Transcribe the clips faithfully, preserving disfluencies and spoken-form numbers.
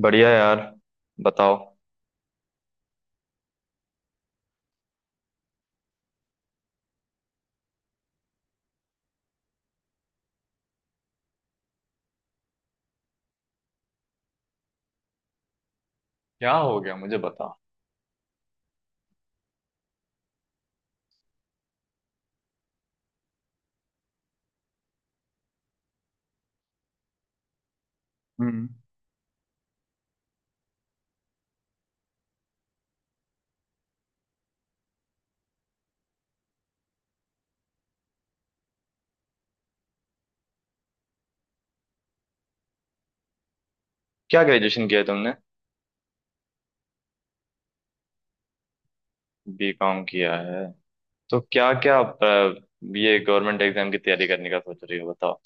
बढ़िया यार। बताओ। क्या हो गया, मुझे बताओ। हम्म। क्या ग्रेजुएशन किया है तुमने? बी कॉम किया है। तो क्या क्या, ये गवर्नमेंट एग्जाम की तैयारी करने का सोच रही हो, बताओ?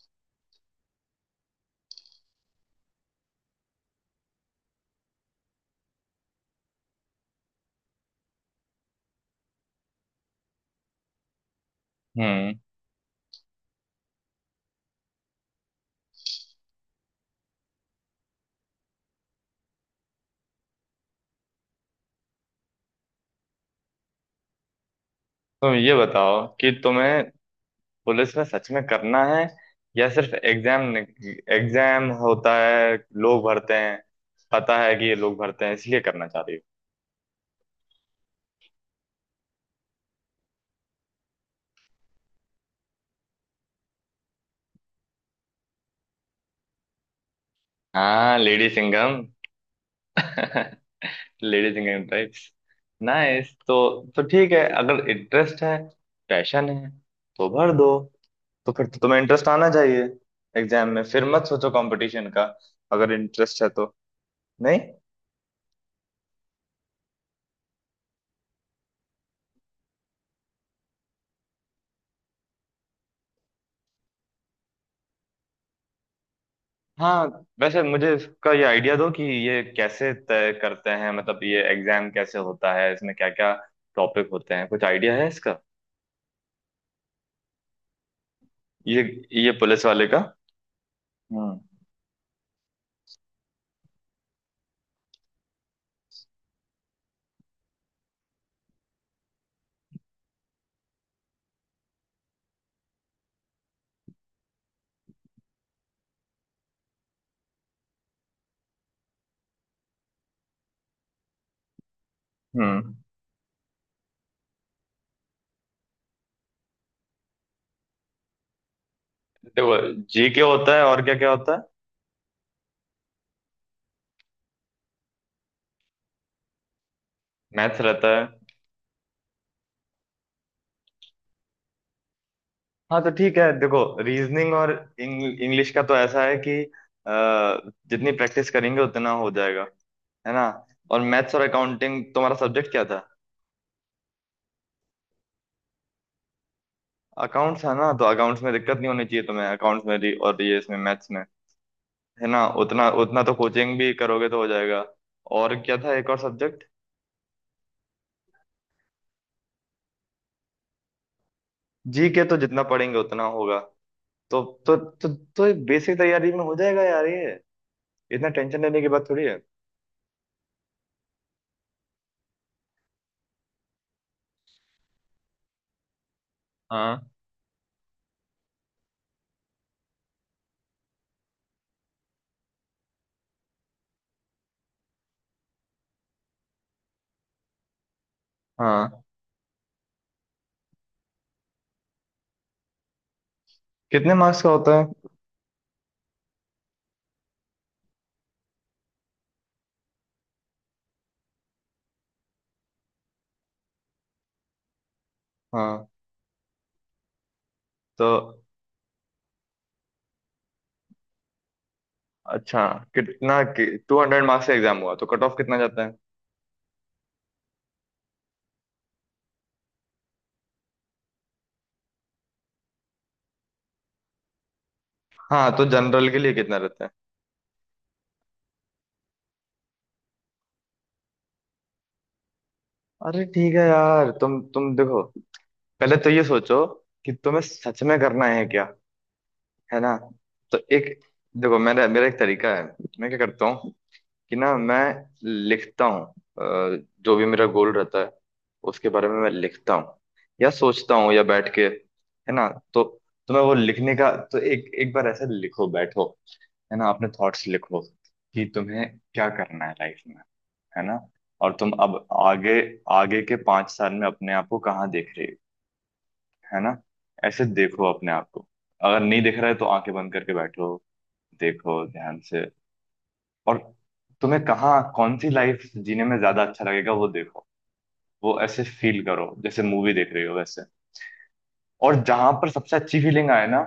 हम्म। तुम ये बताओ कि तुम्हें पुलिस में सच में करना है या सिर्फ एग्जाम एग्जाम होता है, लोग भरते हैं, पता है कि ये लोग भरते हैं इसलिए करना चाह रही हो? हाँ, lady Singham. Ladies engagement types. Nice. तो तो ठीक है, अगर इंटरेस्ट है, पैशन है, तो भर दो। तो फिर तो तुम्हें इंटरेस्ट आना चाहिए। एग्जाम में फिर मत सोचो कंपटीशन का। अगर इंटरेस्ट है तो? नहीं। हाँ, वैसे मुझे इसका ये आइडिया दो कि ये कैसे तय करते हैं, मतलब ये एग्जाम कैसे होता है, इसमें क्या क्या टॉपिक होते हैं? कुछ आइडिया है इसका? ये ये पुलिस वाले का? हम्म, हम्म। देखो, जी के होता है और क्या क्या होता है? मैथ्स रहता है? हाँ तो ठीक है, देखो, रीजनिंग और इंग्लिश का तो ऐसा है कि अ, जितनी प्रैक्टिस करेंगे उतना हो जाएगा, है ना। और मैथ्स, और अकाउंटिंग तुम्हारा सब्जेक्ट क्या था? अकाउंट्स, है ना? तो अकाउंट्स में दिक्कत नहीं होनी चाहिए तुम्हें, अकाउंट्स में भी, और ये इसमें मैथ्स में, है ना। उतना उतना तो कोचिंग भी करोगे तो हो जाएगा। और क्या था, एक और सब्जेक्ट? जी के तो जितना पढ़ेंगे उतना होगा। तो तो तो, तो बेसिक तैयारी में हो जाएगा यार ये, इतना टेंशन लेने की बात थोड़ी है। हाँ, हाँ। कितने मार्क्स का होता है? हाँ तो अच्छा, कितना? टू हंड्रेड मार्क्स का एग्जाम हुआ तो कट ऑफ कितना जाता है? हाँ तो जनरल के लिए कितना रहता है? अरे ठीक है यार, तुम तुम देखो, पहले तो ये सोचो कि तुम्हें सच में करना है क्या, है ना। तो एक देखो, मेरा मेरा एक तरीका है, मैं क्या करता हूँ कि ना मैं लिखता हूँ, अ, जो भी मेरा गोल रहता है उसके बारे में मैं लिखता हूँ या सोचता हूँ या बैठ के, है ना। तो तुम्हें वो लिखने का तो, एक एक बार ऐसे लिखो बैठो, है ना, अपने थॉट्स लिखो कि तुम्हें क्या करना है लाइफ में, है ना। और तुम अब आगे, आगे के पांच साल में अपने आप को कहाँ देख रहे हो, है ना? ऐसे देखो अपने आप को। अगर नहीं दिख रहा है तो आंखें बंद करके बैठो, देखो ध्यान से। और तुम्हें कहाँ, कौन सी लाइफ जीने में ज्यादा अच्छा लगेगा वो देखो। वो ऐसे फील करो जैसे मूवी देख रही हो, वैसे। और जहां पर सबसे अच्छी फीलिंग आए ना,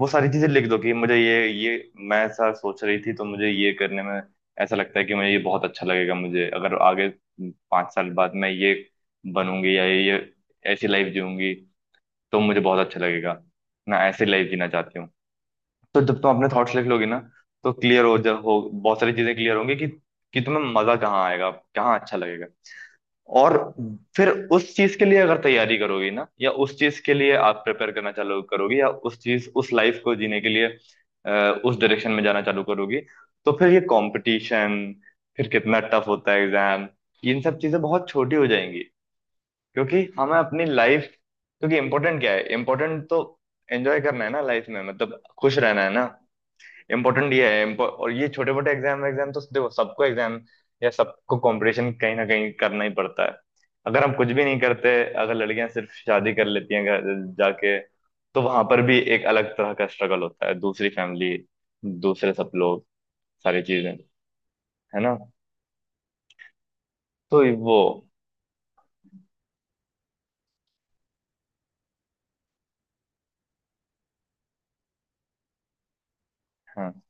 वो सारी चीजें लिख दो कि मुझे ये ये मैं ऐसा सोच रही थी तो मुझे ये करने में ऐसा लगता है कि मुझे ये बहुत अच्छा लगेगा। मुझे अगर आगे पाँच साल बाद मैं ये बनूंगी या ये ये ऐसी लाइफ जीऊंगी तो मुझे बहुत अच्छा लगेगा, मैं ऐसी लाइफ जीना चाहती हूँ। तो जब तुम अपने थॉट्स लिख लोगी ना तो क्लियर हो जा हो, बहुत सारी चीजें क्लियर होंगी कि कि तुम्हें मजा कहाँ आएगा, कहाँ अच्छा लगेगा। और फिर उस चीज के लिए अगर तैयारी करोगी ना, या उस चीज के लिए आप प्रिपेयर करना चालू करोगी, या उस चीज उस लाइफ को जीने के लिए अ, उस डायरेक्शन में जाना चालू करोगी, तो फिर ये कंपटीशन, फिर कितना टफ होता है एग्जाम, इन सब चीजें बहुत छोटी हो जाएंगी। क्योंकि हमें अपनी लाइफ क्योंकि इम्पोर्टेंट क्या है? इम्पोर्टेंट तो एंजॉय करना है ना लाइफ में, मतलब खुश रहना है ना। इम्पोर्टेंट ये है impo- और ये छोटे मोटे एग्जाम एग्जाम तो देखो, सबको एग्जाम या सबको कंपटीशन कहीं ना कहीं करना ही पड़ता है। अगर हम कुछ भी नहीं करते, अगर लड़कियां सिर्फ शादी कर लेती हैं, घर जाके, तो वहां पर भी एक अलग तरह का स्ट्रगल होता है, दूसरी फैमिली, दूसरे सब लोग, सारी चीजें, है ना। तो ये वो। हाँ।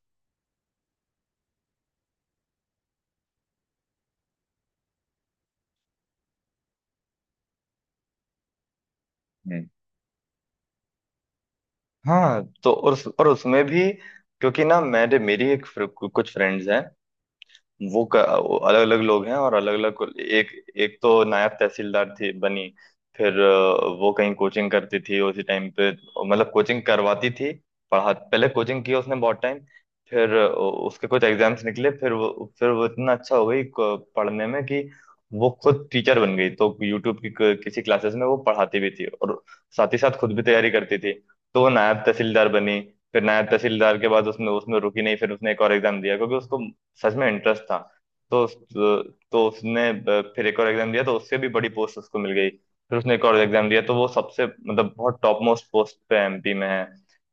हम्म। हाँ तो और उस, और उसमें भी, क्योंकि ना मेरे मेरी एक फ्र- कुछ फ्रेंड्स हैं, वो अलग अलग लोग हैं और अलग अलग, एक एक तो नायब तहसीलदार थी बनी। फिर अ, वो कहीं कोचिंग करती थी उसी टाइम पे, मतलब कोचिंग करवाती थी, पढ़ा पहले कोचिंग की उसने बहुत टाइम। फिर अ, उसके कुछ एग्जाम्स निकले, फिर वो फिर वो इतना अच्छा हो गई क- पढ़ने में कि वो खुद टीचर बन गई, तो यूट्यूब की क- किसी क्लासेस में वो पढ़ाती भी थी, और साथ ही साथ खुद भी तैयारी करती थी, तो वो नायब तहसीलदार बनी। फिर नायब तहसीलदार के बाद उसने उसमें रुकी नहीं, फिर उसने एक और एग्जाम दिया क्योंकि उसको सच में इंटरेस्ट था। तो उस- तो उसने ब- फिर एक और एग्जाम दिया, तो उससे भी बड़ी पोस्ट उसको मिल गई। फिर उसने एक और एग्जाम दिया तो वो सबसे, मतलब बहुत टॉप मोस्ट पोस्ट पे एम पी में है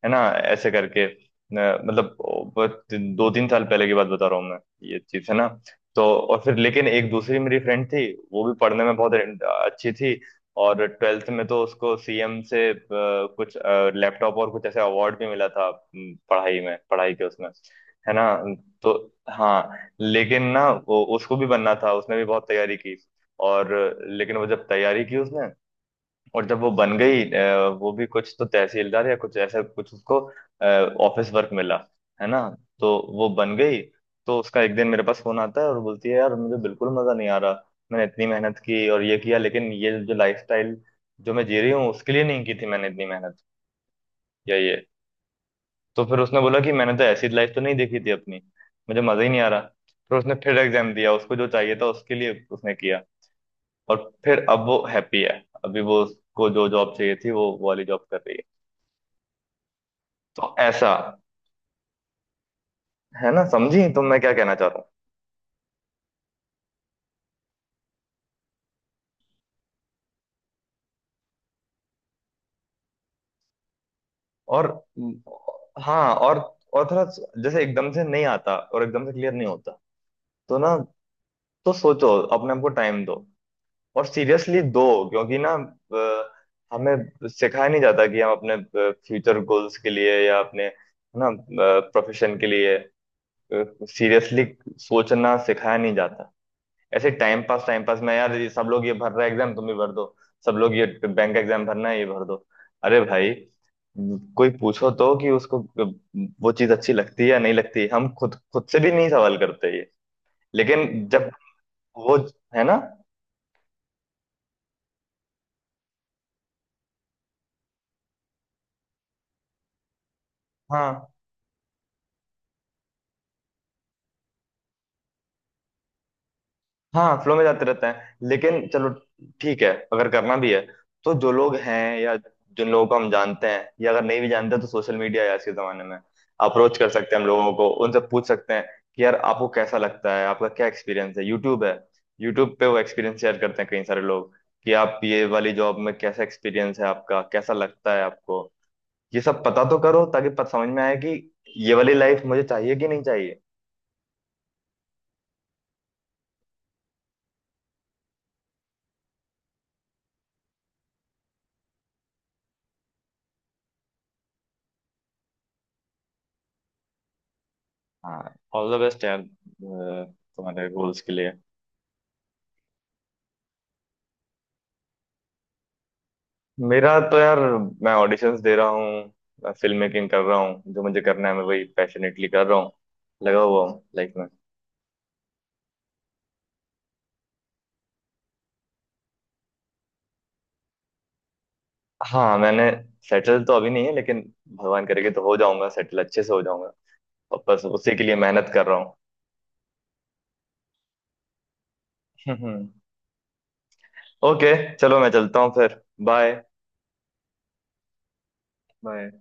है ना, ऐसे करके। न- मतलब बस दो तीन साल पहले की बात बता रहा हूँ मैं, ये चीज, है ना। तो और फिर, लेकिन एक दूसरी मेरी फ्रेंड थी, वो भी पढ़ने में बहुत अच्छी थी। और ट्वेल्थ में तो उसको सी एम से अ, कुछ लैपटॉप और कुछ ऐसे अवार्ड भी मिला था, अम, पढ़ाई में, पढ़ाई के उसमें, है ना। तो हाँ, लेकिन ना वो, उसको भी बनना था, उसने भी बहुत तैयारी की। और लेकिन वो जब तैयारी की उसने, और जब वो बन गई, अ, वो भी कुछ तो तहसीलदार या कुछ ऐसा कुछ, उसको ऑफिस वर्क मिला, है ना। तो वो बन गई। तो उसका एक दिन मेरे पास फोन आता है और बोलती है, यार मुझे बिल्कुल मजा नहीं आ रहा, मैंने इतनी मेहनत की और ये किया, लेकिन ये जो लाइफस्टाइल जो मैं जी रही हूँ उसके लिए नहीं की थी मैंने इतनी मेहनत, या ये। तो फिर उसने बोला कि मैंने तो ऐसी लाइफ तो नहीं देखी थी अपनी, मुझे मजा ही नहीं आ रहा। फिर उसने फिर एग्जाम दिया, उसको जो चाहिए था उसके लिए उसने किया, और फिर अब वो हैप्पी है, अभी वो, उसको जो जॉब चाहिए थी वो वो वाली जॉब कर रही है। तो ऐसा, है ना, समझी तुम मैं क्या कहना चाहता हूँ? और हम्म, हाँ, और और थोड़ा, जैसे एकदम से नहीं आता और एकदम से क्लियर नहीं होता, तो ना, तो सोचो, अपने आप को टाइम दो और सीरियसली दो। क्योंकि ना अ, हमें सिखाया नहीं जाता कि हम अपने फ्यूचर गोल्स के लिए या अपने, है ना, प्रोफेशन के लिए सीरियसली सोचना सिखाया नहीं जाता। ऐसे टाइम पास टाइम पास में यार, ये सब लोग ये भर रहा है एग्जाम तुम भी भर दो, सब लोग ये बैंक एग्जाम भरना है ये भर दो। अरे भाई, कोई पूछो तो कि उसको वो चीज अच्छी लगती है या नहीं लगती, हम खुद खुद से भी नहीं सवाल करते ये। लेकिन जब वो, है ना। हाँ, हाँ, फ्लो में जाते रहते हैं, लेकिन चलो ठीक है, अगर करना भी है, तो जो लोग हैं या जिन लोगों को हम जानते हैं, या अगर नहीं भी जानते तो सोशल मीडिया है आज के जमाने में, अप्रोच कर सकते हैं हम लोगों को, उनसे पूछ सकते हैं कि यार आपको कैसा लगता है, आपका क्या एक्सपीरियंस है। यूट्यूब है, यूट्यूब पे वो एक्सपीरियंस शेयर करते हैं कई सारे लोग कि आप ये वाली जॉब में कैसा एक्सपीरियंस है, आपका कैसा लगता है आपको। ये सब पता तो करो, ताकि पता समझ में आए कि ये वाली लाइफ मुझे चाहिए कि नहीं चाहिए। हाँ, ऑल द बेस्ट यार, अ, तुम्हारे गोल्स के लिए। मेरा तो यार, मैं ऑडिशंस दे रहा हूँ, मैं फिल्म मेकिंग कर रहा हूँ, जो मुझे करना है मैं वही पैशनेटली कर रहा हूँ, लगा हुआ हूँ लाइफ में। हाँ मैंने, सेटल तो अभी नहीं है लेकिन, भगवान करेगा तो हो जाऊंगा, सेटल अच्छे से हो जाऊंगा, और बस उसी के लिए मेहनत कर रहा हूँ। ओके चलो, मैं चलता हूँ फिर, बाय। बाय।